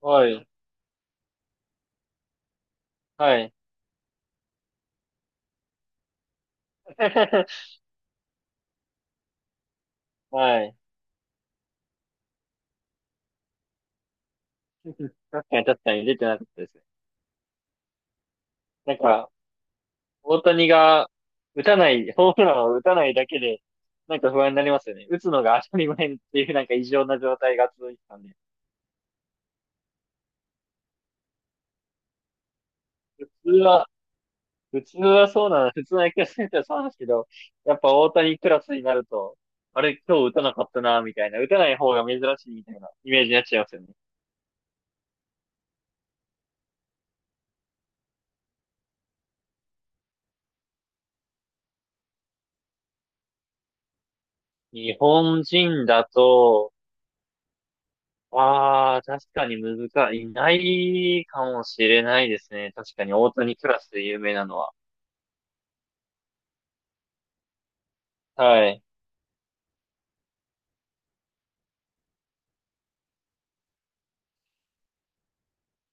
はい。はい。はい。確かに確かに出てなかったですね。なんか、大谷が打たない、ホームランを打たないだけで、なんか不安になりますよね。打つのが当たり前っていうなんか異常な状態が続いてたんで。普通は、普通はそうなの、普通の野球選手はそうなんですけど、やっぱ大谷クラスになると、あれ今日打たなかったな、みたいな、打たない方が珍しいみたいなイメージになっちゃいますよね。日本人だと、ああ、確かに難しい。いないかもしれないですね。確かに大谷クラスで有名なのは。はい。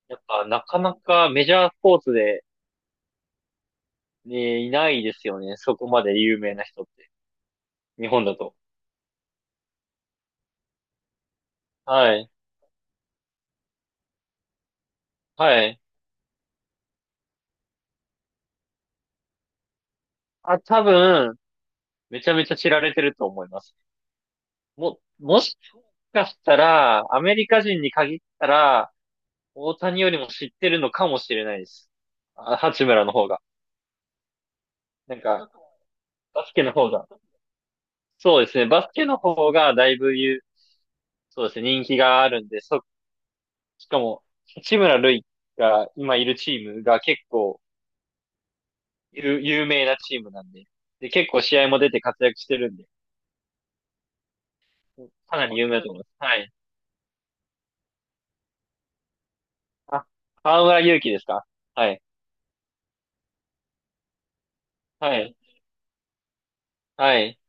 やっぱなかなかメジャースポーツで、ね、いないですよね。そこまで有名な人って。日本だと。はい。はい。あ、多分、めちゃめちゃ知られてると思います。もしかしたら、アメリカ人に限ったら、大谷よりも知ってるのかもしれないです。あ、八村の方が。なんか、バスケの方が。そうですね。バスケの方がだいぶ有、そうですね、人気があるんで、しかも、八村塁が今いるチームが結構有名なチームなんで、で、結構試合も出て活躍してるんで、かなり有名だと思います。はい。あ、河村勇輝ですか？はい。はい。はい。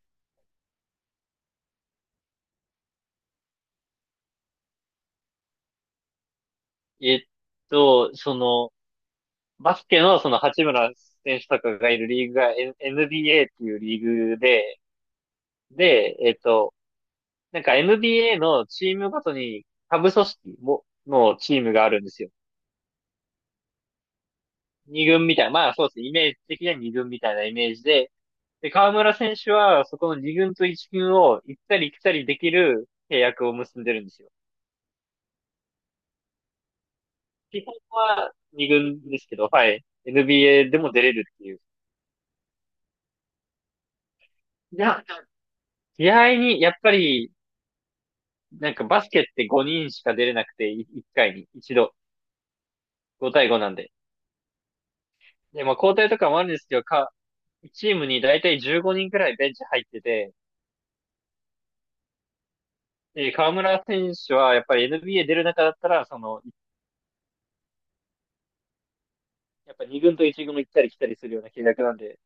えっと、その、バスケのその八村選手とかがいるリーグが NBA っていうリーグで、で、えっと、なんか NBA のチームごとに下部組織も、のチームがあるんですよ。二軍みたいな、まあそうですね、イメージ的には二軍みたいなイメージで、で、河村選手はそこの二軍と一軍を行ったり来たりできる契約を結んでるんですよ。基本は二軍ですけど、はい。NBA でも出れるっていう。いや、試合に、やっぱり、なんかバスケって5人しか出れなくて、1回に、一度、5対5なんで。で、まあ交代とかもあるんですけど、チームに大体15人くらいベンチ入ってて、で、河村選手はやっぱり NBA 出る中だったら、その、やっぱ2軍と1軍行ったり来たりするような契約なんで、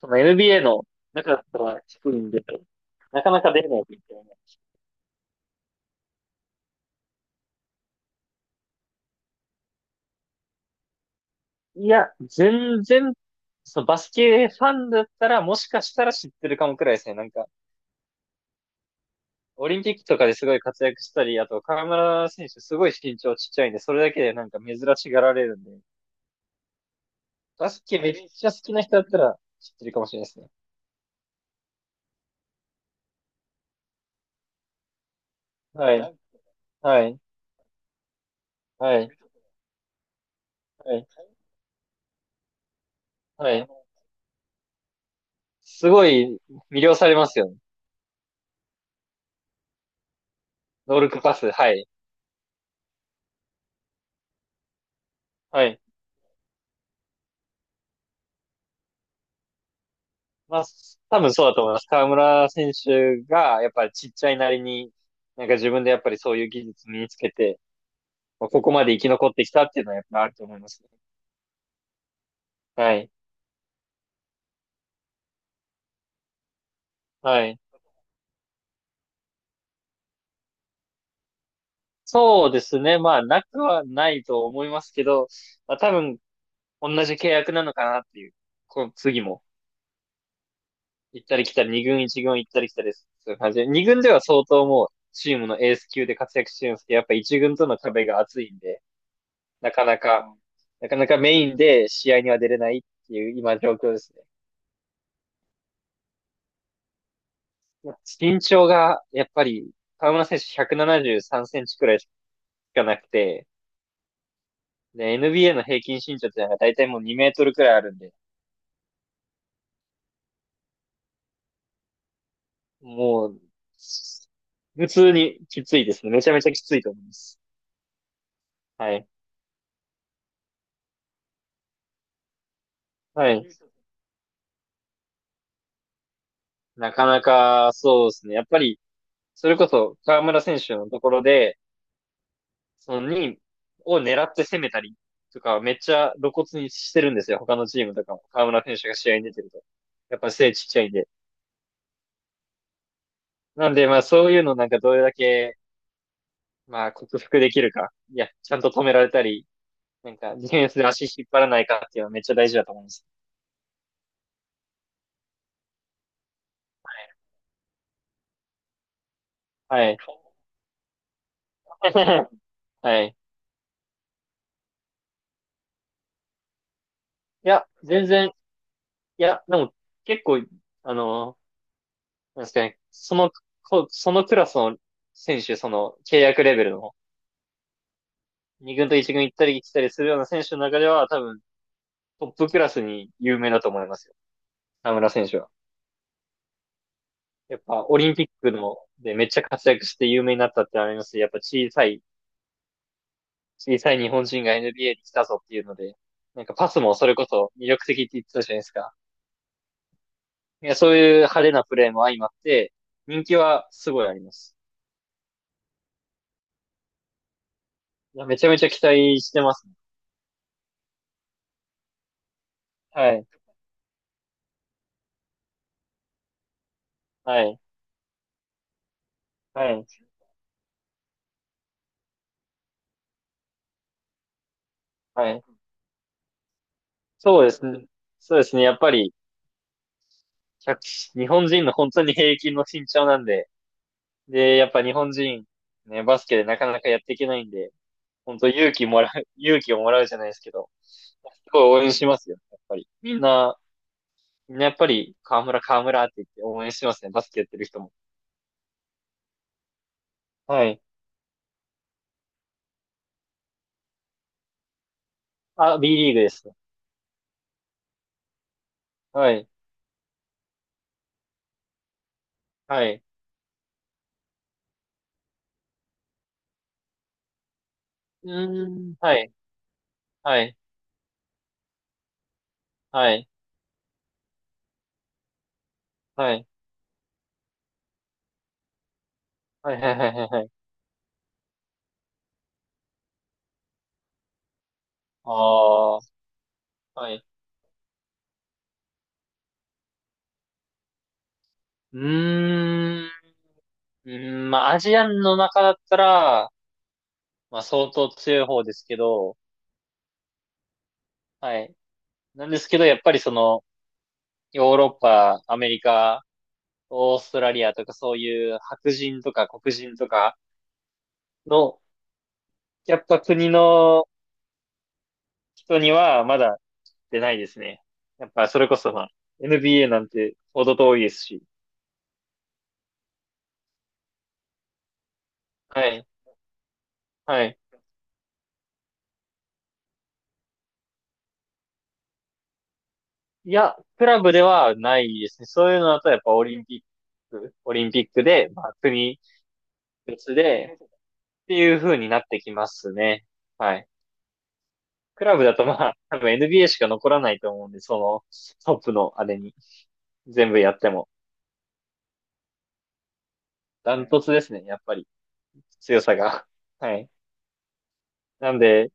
その NBA の中だったら低いんで、なかなか出れないみたいな。いや、全然、そのバスケファンだったら、もしかしたら知ってるかもくらいですね。なんか、オリンピックとかですごい活躍したり、あと、河村選手すごい身長ちっちゃいんで、それだけでなんか珍しがられるんで、バスケめっちゃ好きな人だったら知ってるかもしれないですね。はい、はい、はい、はい、はい。すごい魅了されますよね。ノールックパス。はい、はい。まあ、多分そうだと思います。河村選手が、やっぱりちっちゃいなりに、なんか自分でやっぱりそういう技術身につけて、まあここまで生き残ってきたっていうのはやっぱあると思いますね。はい、はい。そうですね。まあ、なくはないと思いますけど、まあ、多分同じ契約なのかなっていう、この次も。行ったり来たり、二軍一軍行ったり来たりする感じで、二軍では相当もうチームのエース級で活躍してるんですけど、やっぱ一軍との壁が厚いんで、なかなか、なかなかメインで試合には出れないっていう今状況ですね。身長がやっぱり河村選手173センチくらいしかなくて、で、NBA の平均身長ってのが大体もう2メートルくらいあるんで、もう、普通にきついですね。めちゃめちゃきついと思います。はい。はい。なかなか、そうですね。やっぱり、それこそ河村選手のところで、その2位を狙って攻めたりとか、めっちゃ露骨にしてるんですよ。他のチームとかも。河村選手が試合に出てると。やっぱ背ちっちゃいんで。なんで、まあそういうのなんかどれだけ、まあ克服できるか。いや、ちゃんと止められたり、なんかディフェンスで足引っ張らないかっていうのはめっちゃ大事だと思います。はい。はい。いや、全然、いや、でも結構、あの、なんですかね、その、こそのクラスの選手、その契約レベルの2軍と1軍行ったり来たりするような選手の中では、多分トップクラスに有名だと思いますよ。田村選手は。やっぱオリンピックのでめっちゃ活躍して有名になったってありますし、やっぱ小さい、小さい日本人が NBA に来たぞっていうので、なんかパスもそれこそ魅力的って言ってたじゃないですか。いや、そういう派手なプレーも相まって、人気はすごいあります。いや、めちゃめちゃ期待してますね。はい。はい。はい。はい。そうですね。そうですね。やっぱり、1日本人の本当に平均の身長なんで、で、やっぱ日本人、ね、バスケでなかなかやっていけないんで、本当勇気もらう、勇気をもらうじゃないですけど、すごい応援しますよ、やっぱり。みんなやっぱり、河村って言って応援してますね、バスケやってる人も。はい。あ、Bリーグですね。はい。はい。うーん、はい。はい。はい。はい。はい。はい。はい。はい。はいああ、はい。うーん。うーん、まあ、アジアンの中だったら、まあ、相当強い方ですけど、はい。なんですけど、やっぱりその、ヨーロッパ、アメリカ、オーストラリアとかそういう白人とか黒人とかの、やっぱ国の人にはまだ出ないですね。やっぱそれこそまあ、NBA なんてほど遠いですし。はい、はい。いや、クラブではないですね。そういうのだとやっぱオリンピック。オリンピックで、まあ、国別で、っていう風になってきますね。はい。クラブだとまあ、多分 NBA しか残らないと思うんで、その、トップのあれに、全部やっても。ダントツですね、やっぱり。強さが。はい。なんで、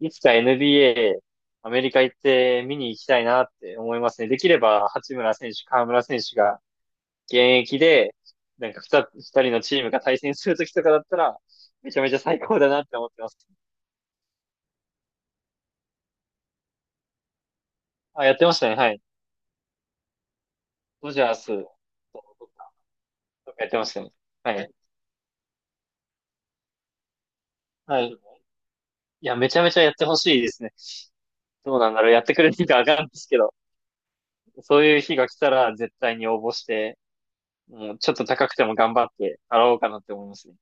いつか NBA、アメリカ行って見に行きたいなって思いますね。できれば、八村選手、河村選手が現役で、なんか二人のチームが対戦するときとかだったら、めちゃめちゃ最高だなって思ってます。あ、やってましたね。はい。ドジャースとかやってましたね。はい。はい。いや、めちゃめちゃやってほしいですね。どうなんだろう。やってくれるかわかんないですけど、そういう日が来たら絶対に応募して、もうちょっと高くても頑張って払おうかなって思いますね。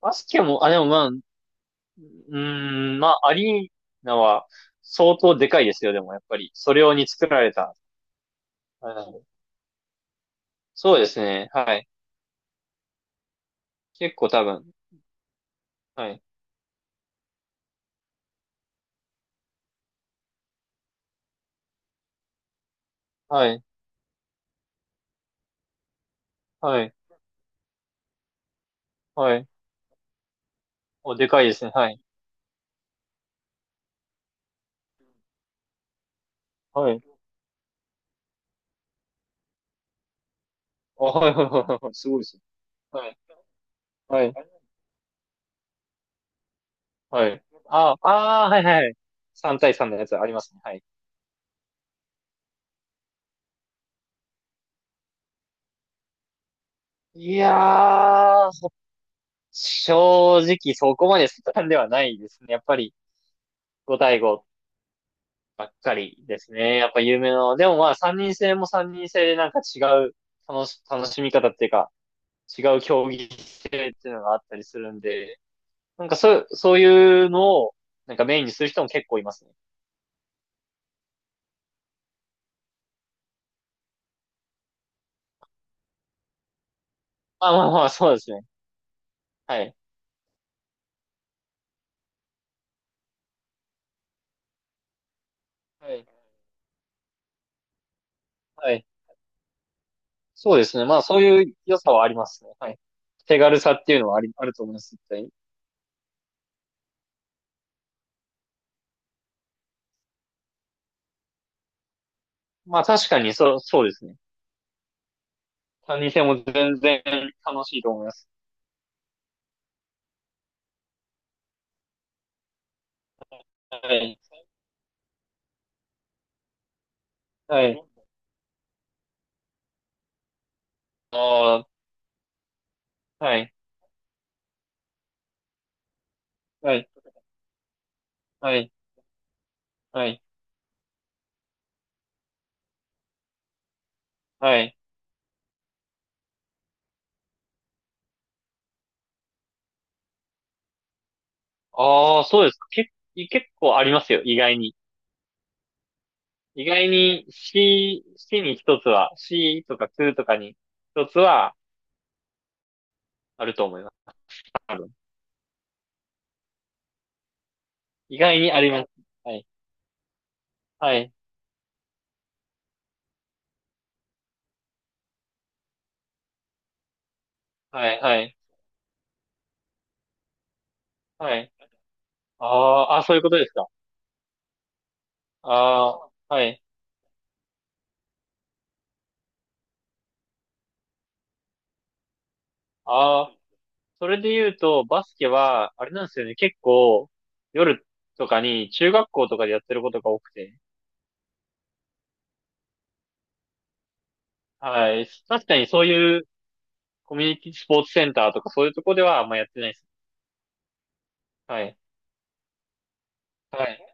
バスケも、あ、でもまあ、うーん、まあ、アリーナは相当でかいですよ、でもやっぱり。それ用に作られた。はいそうですね、はい。結構多分。はい。はい。はい。はい。お、でかいですね、はい。はい。あ、はいはいはいはい。すごいですね。はい。はい。はい。あ、あー、はいはいはい。3対3のやつありますね、はい。いやー、正直そこまで進んではないですね。やっぱりご対5ばっかりですね。やっぱ有名な。でもまあ3人制も3人制でなんか違う楽しみ方っていうか、違う競技性っていうのがあったりするんで、そういうのをなんかメインにする人も結構いますね。まあまあまあ、そうですね。はい。はい。はい。そうですね。まあそういう良さはありますね。はい。手軽さっていうのはあり、あると思います。絶対にまあ確かにそう、そうですね。3人制も全然楽しいと思います。はい。はい。ああ、はい。はい。はい、はい、はい。ああ、そうですか。結構ありますよ、意外に。意外にC に一つは、C とか Q とかに一つはあると思います。多分意外にあります。はい、はい、はい、はい、はい。ああ、あ、そういうことですか。ああ、はい。ああ、それで言うと、バスケは、あれなんですよね、結構、夜とかに中学校とかでやってることが多くて。はい。確かにそういうコミュニティスポーツセンターとかそういうとこではあんまやってないです。はい。はい。